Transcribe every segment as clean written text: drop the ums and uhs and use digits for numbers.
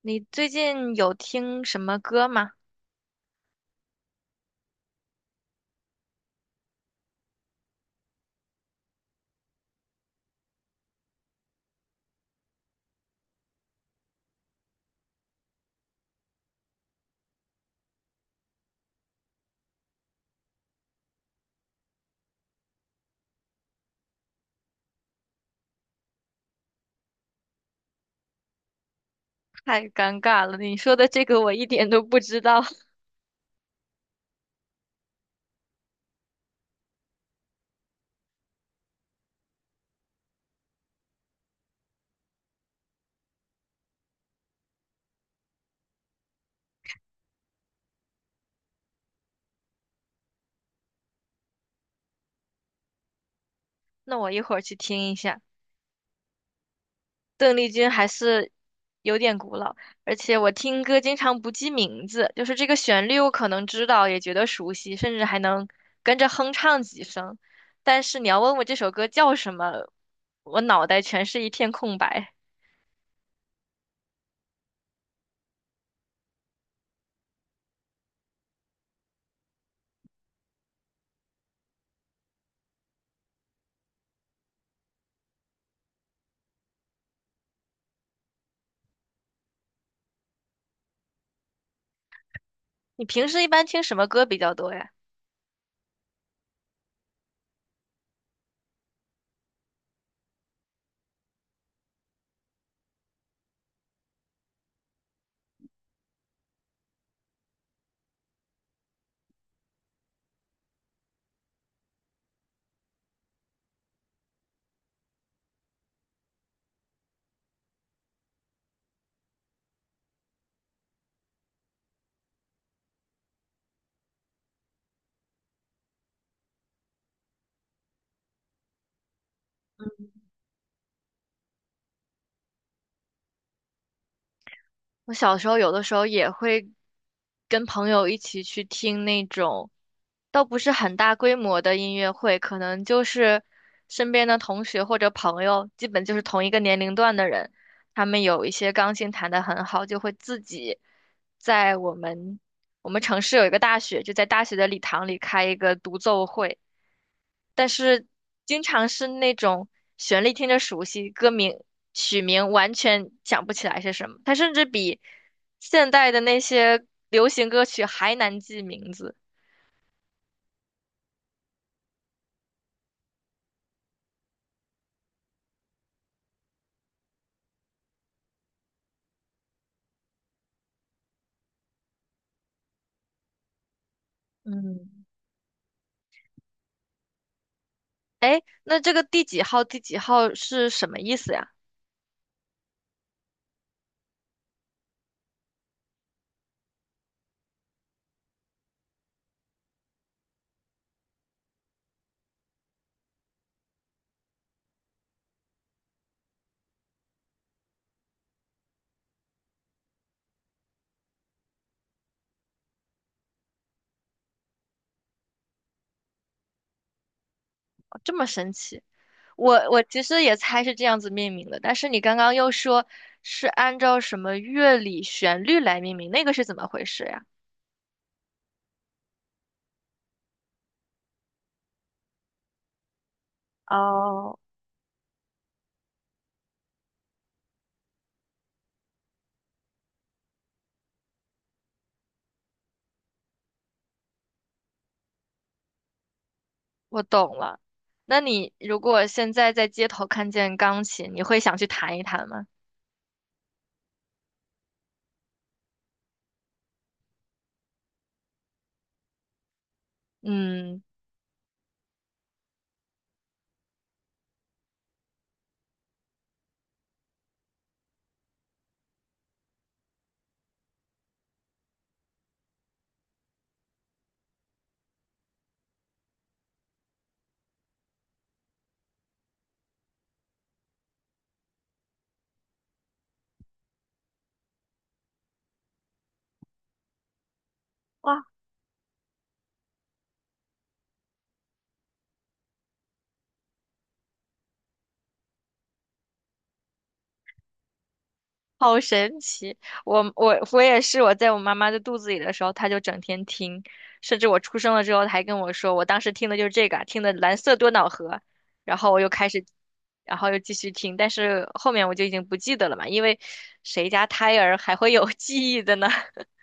你最近有听什么歌吗？太尴尬了，你说的这个我一点都不知道。那我一会儿去听一下。邓丽君还是有点古老，而且我听歌经常不记名字，就是这个旋律我可能知道，也觉得熟悉，甚至还能跟着哼唱几声。但是你要问我这首歌叫什么，我脑袋全是一片空白。你平时一般听什么歌比较多呀？我小时候有的时候也会跟朋友一起去听那种，倒不是很大规模的音乐会，可能就是身边的同学或者朋友，基本就是同一个年龄段的人，他们有一些钢琴弹得很好，就会自己在我们城市有一个大学，就在大学的礼堂里开一个独奏会，但是经常是那种旋律听着熟悉，歌名曲名完全想不起来是什么，它甚至比现代的那些流行歌曲还难记名字。嗯。哎，那这个第几号第几号是什么意思呀？这么神奇。我其实也猜是这样子命名的，但是你刚刚又说是按照什么乐理旋律来命名，那个是怎么回事呀？哦，我懂了。那你如果现在在街头看见钢琴，你会想去弹一弹吗？嗯。哇。好神奇！我我也是，我在我妈妈的肚子里的时候，她就整天听，甚至我出生了之后，她还跟我说，我当时听的就是这个啊听的《蓝色多瑙河》，然后我又开始，然后又继续听，但是后面我就已经不记得了嘛，因为谁家胎儿还会有 记忆的呢？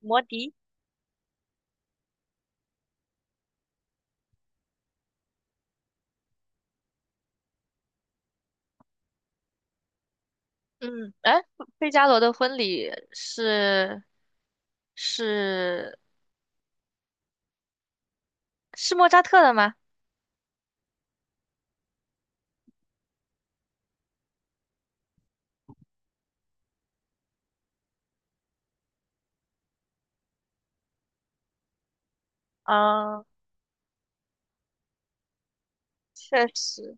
摩笛。嗯，哎，费加罗的婚礼是是莫扎特的吗？嗯，确实。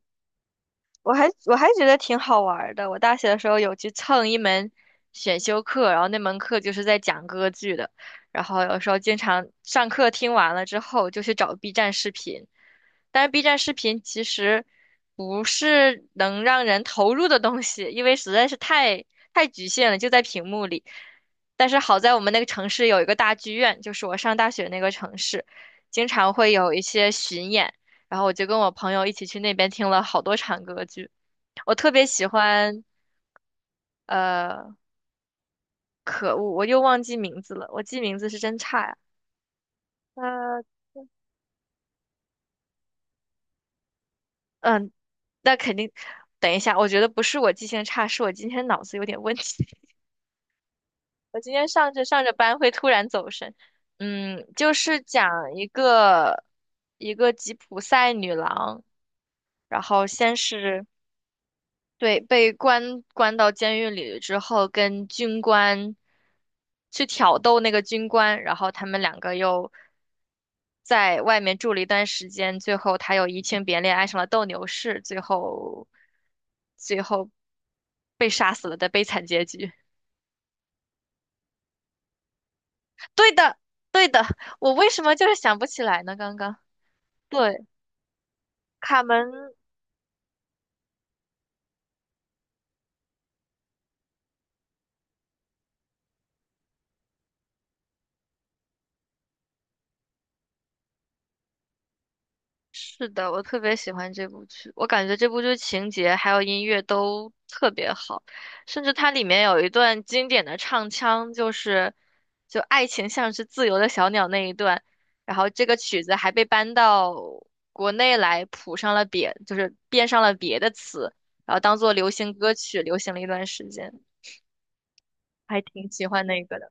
我还觉得挺好玩儿的。我大学的时候有去蹭一门选修课，然后那门课就是在讲歌剧的，然后有时候经常上课听完了之后就去找 B 站视频，但是 B 站视频其实不是能让人投入的东西，因为实在是太局限了，就在屏幕里。但是好在我们那个城市有一个大剧院，就是我上大学那个城市，经常会有一些巡演。然后我就跟我朋友一起去那边听了好多场歌剧。我特别喜欢，呃，可恶，我又忘记名字了，我记名字是真差呀、那，嗯，那肯定，等一下，我觉得不是我记性差，是我今天脑子有点问题。我今天上着上着班会突然走神。嗯，就是讲一个吉普赛女郎，然后先是对，被关到监狱里之后，跟军官去挑逗那个军官，然后他们两个又在外面住了一段时间，最后他又移情别恋，爱上了斗牛士，最后被杀死了的悲惨结局。对的，我为什么就是想不起来呢？刚刚对，卡门。是的，我特别喜欢这部剧，我感觉这部剧情节还有音乐都特别好，甚至它里面有一段经典的唱腔，就是就爱情像是自由的小鸟那一段，然后这个曲子还被搬到国内来谱上了别，就是变上了别的词，然后当做流行歌曲流行了一段时间，还挺喜欢那个的。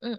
嗯，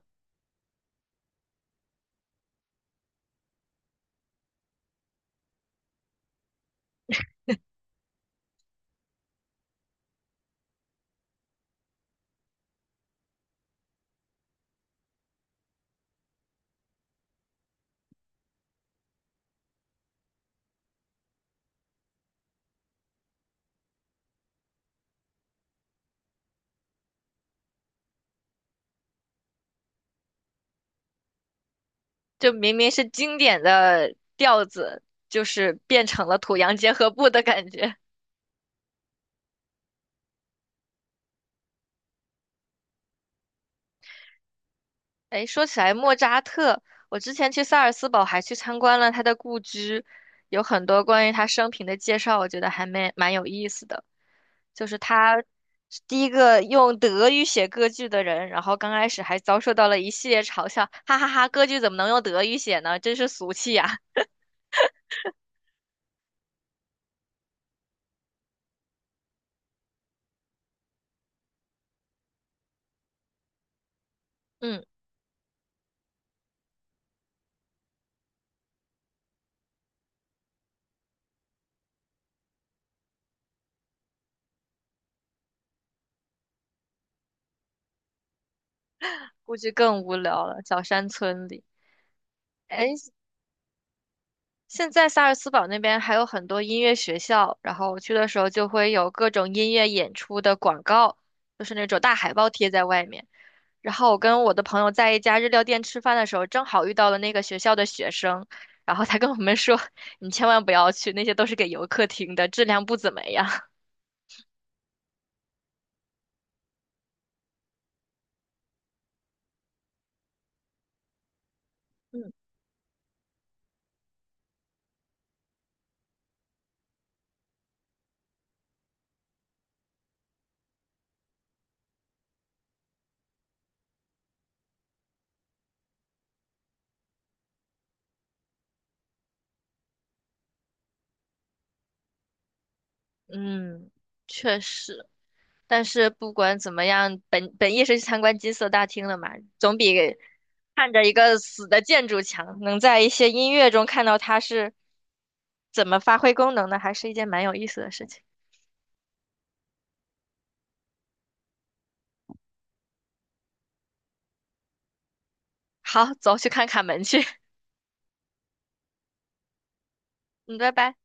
就明明是经典的调子，就是变成了土洋结合部的感觉。哎，说起来莫扎特，我之前去萨尔斯堡还去参观了他的故居，有很多关于他生平的介绍，我觉得还蛮有意思的。就是他是第一个用德语写歌剧的人，然后刚开始还遭受到了一系列嘲笑，哈哈哈，歌剧怎么能用德语写呢？真是俗气呀。嗯，估计更无聊了，小山村里。哎，现在萨尔茨堡那边还有很多音乐学校，然后我去的时候就会有各种音乐演出的广告，就是那种大海报贴在外面。然后我跟我的朋友在一家日料店吃饭的时候，正好遇到了那个学校的学生，然后他跟我们说：“你千万不要去，那些都是给游客听的，质量不怎么样。”嗯。嗯，确实。但是不管怎么样，本意是去参观金色大厅的嘛，总比看着一个死的建筑强。能在一些音乐中看到它是怎么发挥功能的，还是一件蛮有意思的事情。好，走去看卡门去，嗯，拜拜。